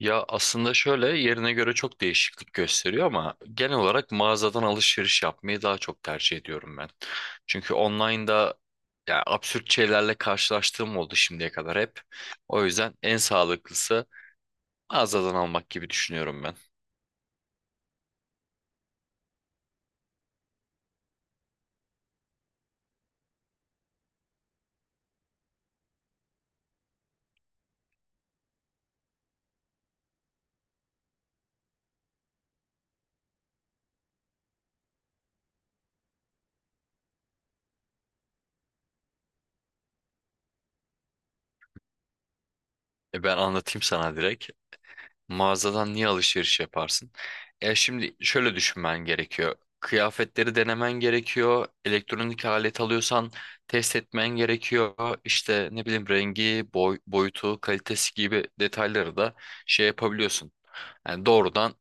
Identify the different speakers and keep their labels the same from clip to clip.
Speaker 1: Ya aslında şöyle yerine göre çok değişiklik gösteriyor ama genel olarak mağazadan alışveriş yapmayı daha çok tercih ediyorum ben. Çünkü online'da ya absürt şeylerle karşılaştığım oldu şimdiye kadar hep. O yüzden en sağlıklısı mağazadan almak gibi düşünüyorum ben. E ben anlatayım sana direkt. Mağazadan niye alışveriş yaparsın? E şimdi şöyle düşünmen gerekiyor. Kıyafetleri denemen gerekiyor. Elektronik alet alıyorsan test etmen gerekiyor. İşte ne bileyim rengi, boy, boyutu, kalitesi gibi detayları da şey yapabiliyorsun. Yani doğrudan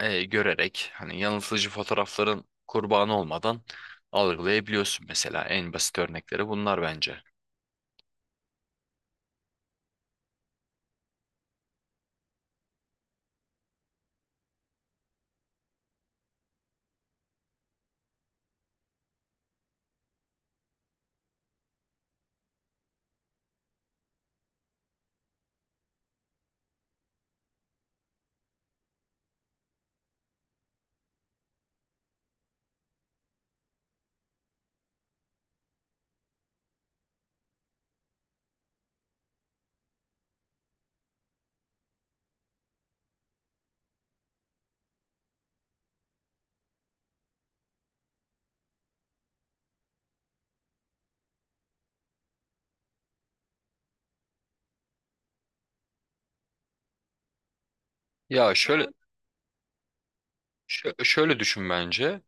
Speaker 1: görerek hani yanıltıcı fotoğrafların kurbanı olmadan algılayabiliyorsun mesela. En basit örnekleri bunlar bence. Ya şöyle düşün bence.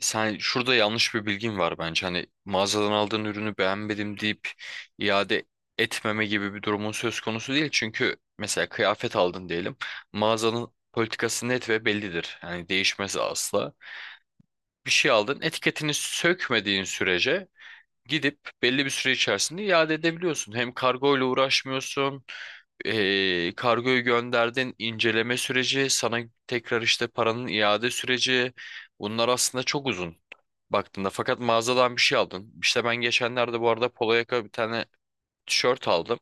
Speaker 1: Sen şurada yanlış bir bilgin var bence. Hani mağazadan aldığın ürünü beğenmedim deyip iade etmeme gibi bir durumun söz konusu değil. Çünkü mesela kıyafet aldın diyelim. Mağazanın politikası net ve bellidir. Yani değişmez asla. Bir şey aldın, etiketini sökmediğin sürece gidip belli bir süre içerisinde iade edebiliyorsun. Hem kargo ile uğraşmıyorsun. Kargoyu gönderdin, inceleme süreci, sana tekrar işte paranın iade süreci. Bunlar aslında çok uzun baktığında. Fakat mağazadan bir şey aldın. İşte ben geçenlerde bu arada polo yaka bir tane tişört aldım.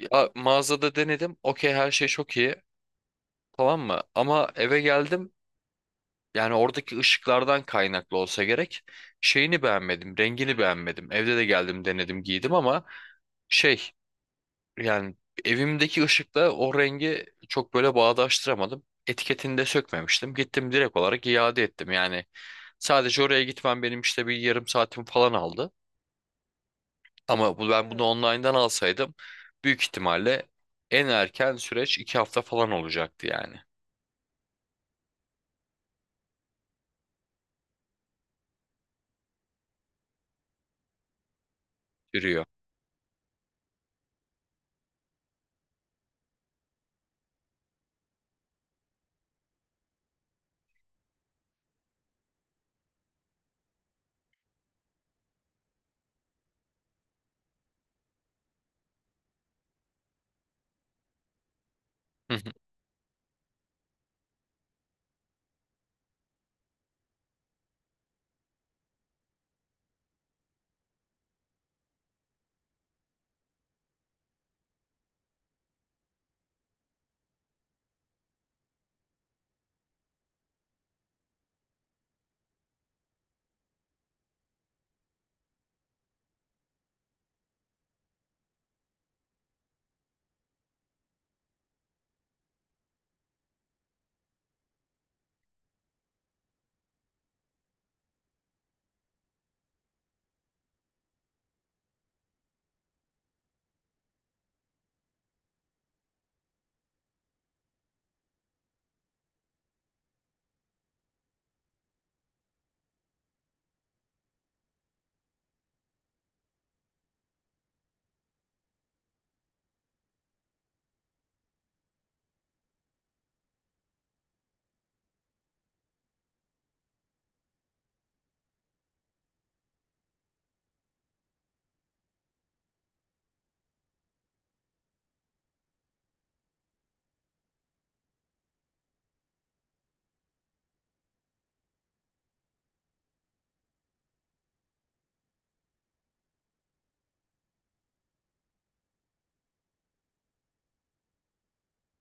Speaker 1: Ya, mağazada denedim. Okey her şey çok iyi. Tamam mı? Ama eve geldim. Yani oradaki ışıklardan kaynaklı olsa gerek. Şeyini beğenmedim. Rengini beğenmedim. Evde de geldim denedim giydim ama şey yani evimdeki ışıkla o rengi çok böyle bağdaştıramadım. Etiketini de sökmemiştim. Gittim direkt olarak iade ettim. Yani sadece oraya gitmem benim işte bir yarım saatim falan aldı. Ama bu, ben bunu online'dan alsaydım büyük ihtimalle en erken süreç iki hafta falan olacaktı yani. Sürüyor.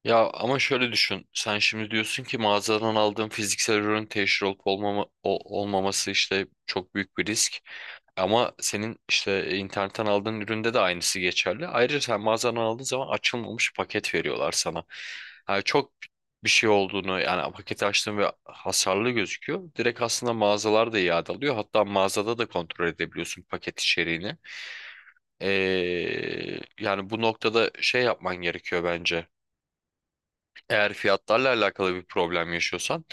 Speaker 1: Ya ama şöyle düşün. Sen şimdi diyorsun ki mağazadan aldığım fiziksel ürün teşhir olup olmama, olmaması işte çok büyük bir risk. Ama senin işte internetten aldığın üründe de aynısı geçerli. Ayrıca sen mağazadan aldığın zaman açılmamış paket veriyorlar sana. Yani çok bir şey olduğunu yani paketi açtığın ve hasarlı gözüküyor. Direkt aslında mağazalar da iade alıyor. Hatta mağazada da kontrol edebiliyorsun paket içeriğini. Ee, Yani bu noktada şey yapman gerekiyor bence. Eğer fiyatlarla alakalı bir problem yaşıyorsan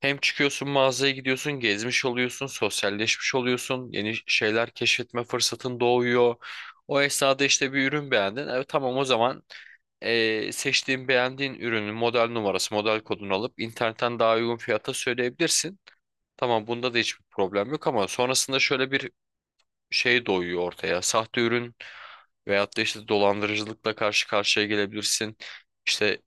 Speaker 1: hem çıkıyorsun mağazaya gidiyorsun, gezmiş oluyorsun, sosyalleşmiş oluyorsun, yeni şeyler keşfetme fırsatın doğuyor. O esnada işte bir ürün beğendin. Evet tamam o zaman seçtiğin beğendiğin ürünün model numarası, model kodunu alıp internetten daha uygun fiyata söyleyebilirsin. Tamam bunda da hiçbir problem yok ama sonrasında şöyle bir şey doyuyor ortaya. Sahte ürün veyahut da işte dolandırıcılıkla karşı karşıya gelebilirsin. İşte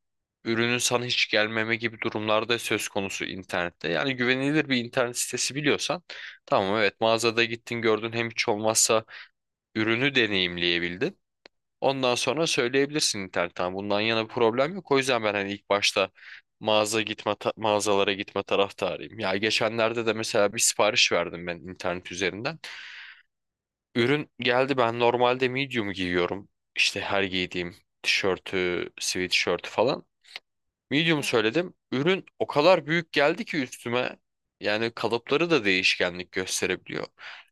Speaker 1: ürünün sana hiç gelmeme gibi durumlarda söz konusu internette. Yani güvenilir bir internet sitesi biliyorsan tamam evet mağazada gittin gördün hem hiç olmazsa ürünü deneyimleyebildin. Ondan sonra söyleyebilirsin internetten. "Tamam, bundan yana bir problem yok. O yüzden ben hani ilk başta mağazalara gitme taraftarıyım. Ya geçenlerde de mesela bir sipariş verdim ben internet üzerinden. Ürün geldi, ben normalde medium giyiyorum. İşte her giydiğim tişörtü, sweatshirt falan. Medium söyledim. Ürün o kadar büyük geldi ki üstüme. Yani kalıpları da değişkenlik gösterebiliyor.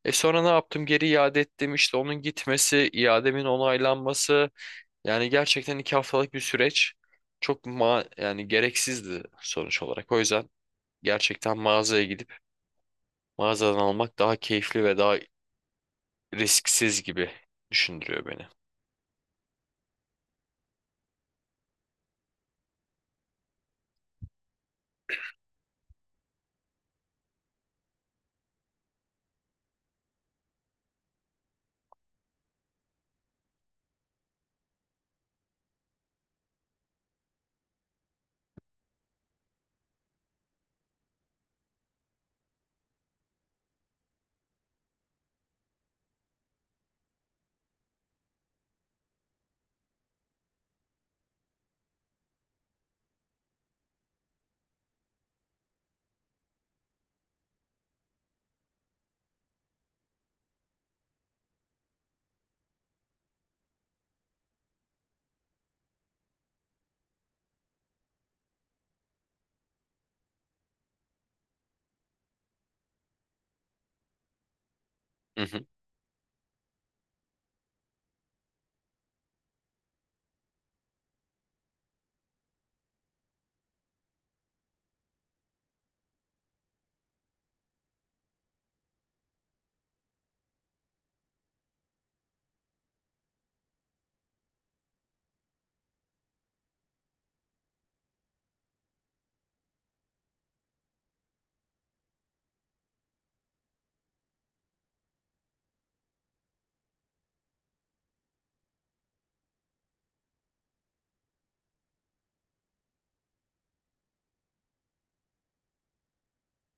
Speaker 1: E sonra ne yaptım? Geri iade ettim. İşte onun gitmesi, iademin onaylanması. Yani gerçekten iki haftalık bir süreç. Çok yani gereksizdi sonuç olarak. O yüzden gerçekten mağazaya gidip mağazadan almak daha keyifli ve daha risksiz gibi düşündürüyor beni.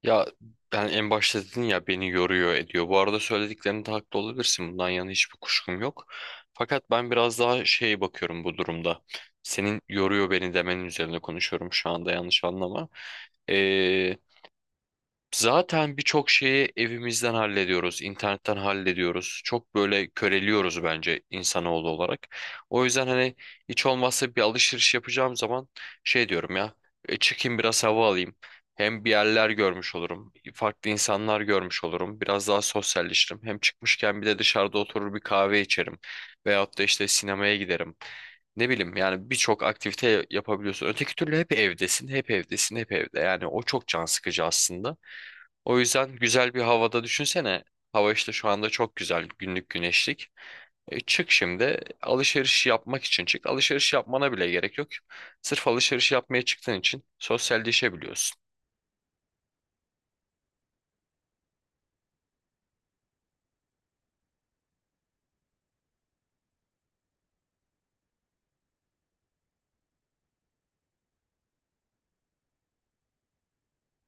Speaker 1: Ya ben en başta dedin ya beni yoruyor ediyor. Bu arada söylediklerinde haklı olabilirsin. Bundan yana hiçbir kuşkum yok. Fakat ben biraz daha şey bakıyorum bu durumda. Senin yoruyor beni demenin üzerine konuşuyorum şu anda, yanlış anlama. Ee, Zaten birçok şeyi evimizden hallediyoruz, internetten hallediyoruz. Çok böyle köreliyoruz bence insanoğlu olarak. O yüzden hani hiç olmazsa bir alışveriş yapacağım zaman şey diyorum ya, "E, çıkayım biraz hava alayım. Hem bir yerler görmüş olurum, farklı insanlar görmüş olurum, biraz daha sosyalleşirim. Hem çıkmışken bir de dışarıda oturur bir kahve içerim veyahut da işte sinemaya giderim. Ne bileyim yani birçok aktivite yapabiliyorsun. Öteki türlü hep evdesin, hep evdesin, hep evde. Yani o çok can sıkıcı aslında. O yüzden güzel bir havada düşünsene. Hava işte şu anda çok güzel. Günlük güneşlik. E, çık şimdi alışveriş yapmak için çık. Alışveriş yapmana bile gerek yok. Sırf alışveriş yapmaya çıktığın için sosyalleşebiliyorsun.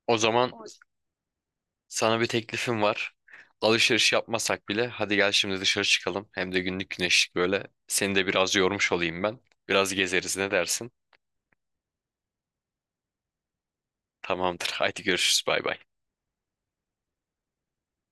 Speaker 1: O zaman sana bir teklifim var. Alışveriş yapmasak bile hadi gel şimdi dışarı çıkalım. Hem de günlük güneşlik böyle. Seni de biraz yormuş olayım ben. Biraz gezeriz, ne dersin? Tamamdır. Haydi görüşürüz. Bay bay.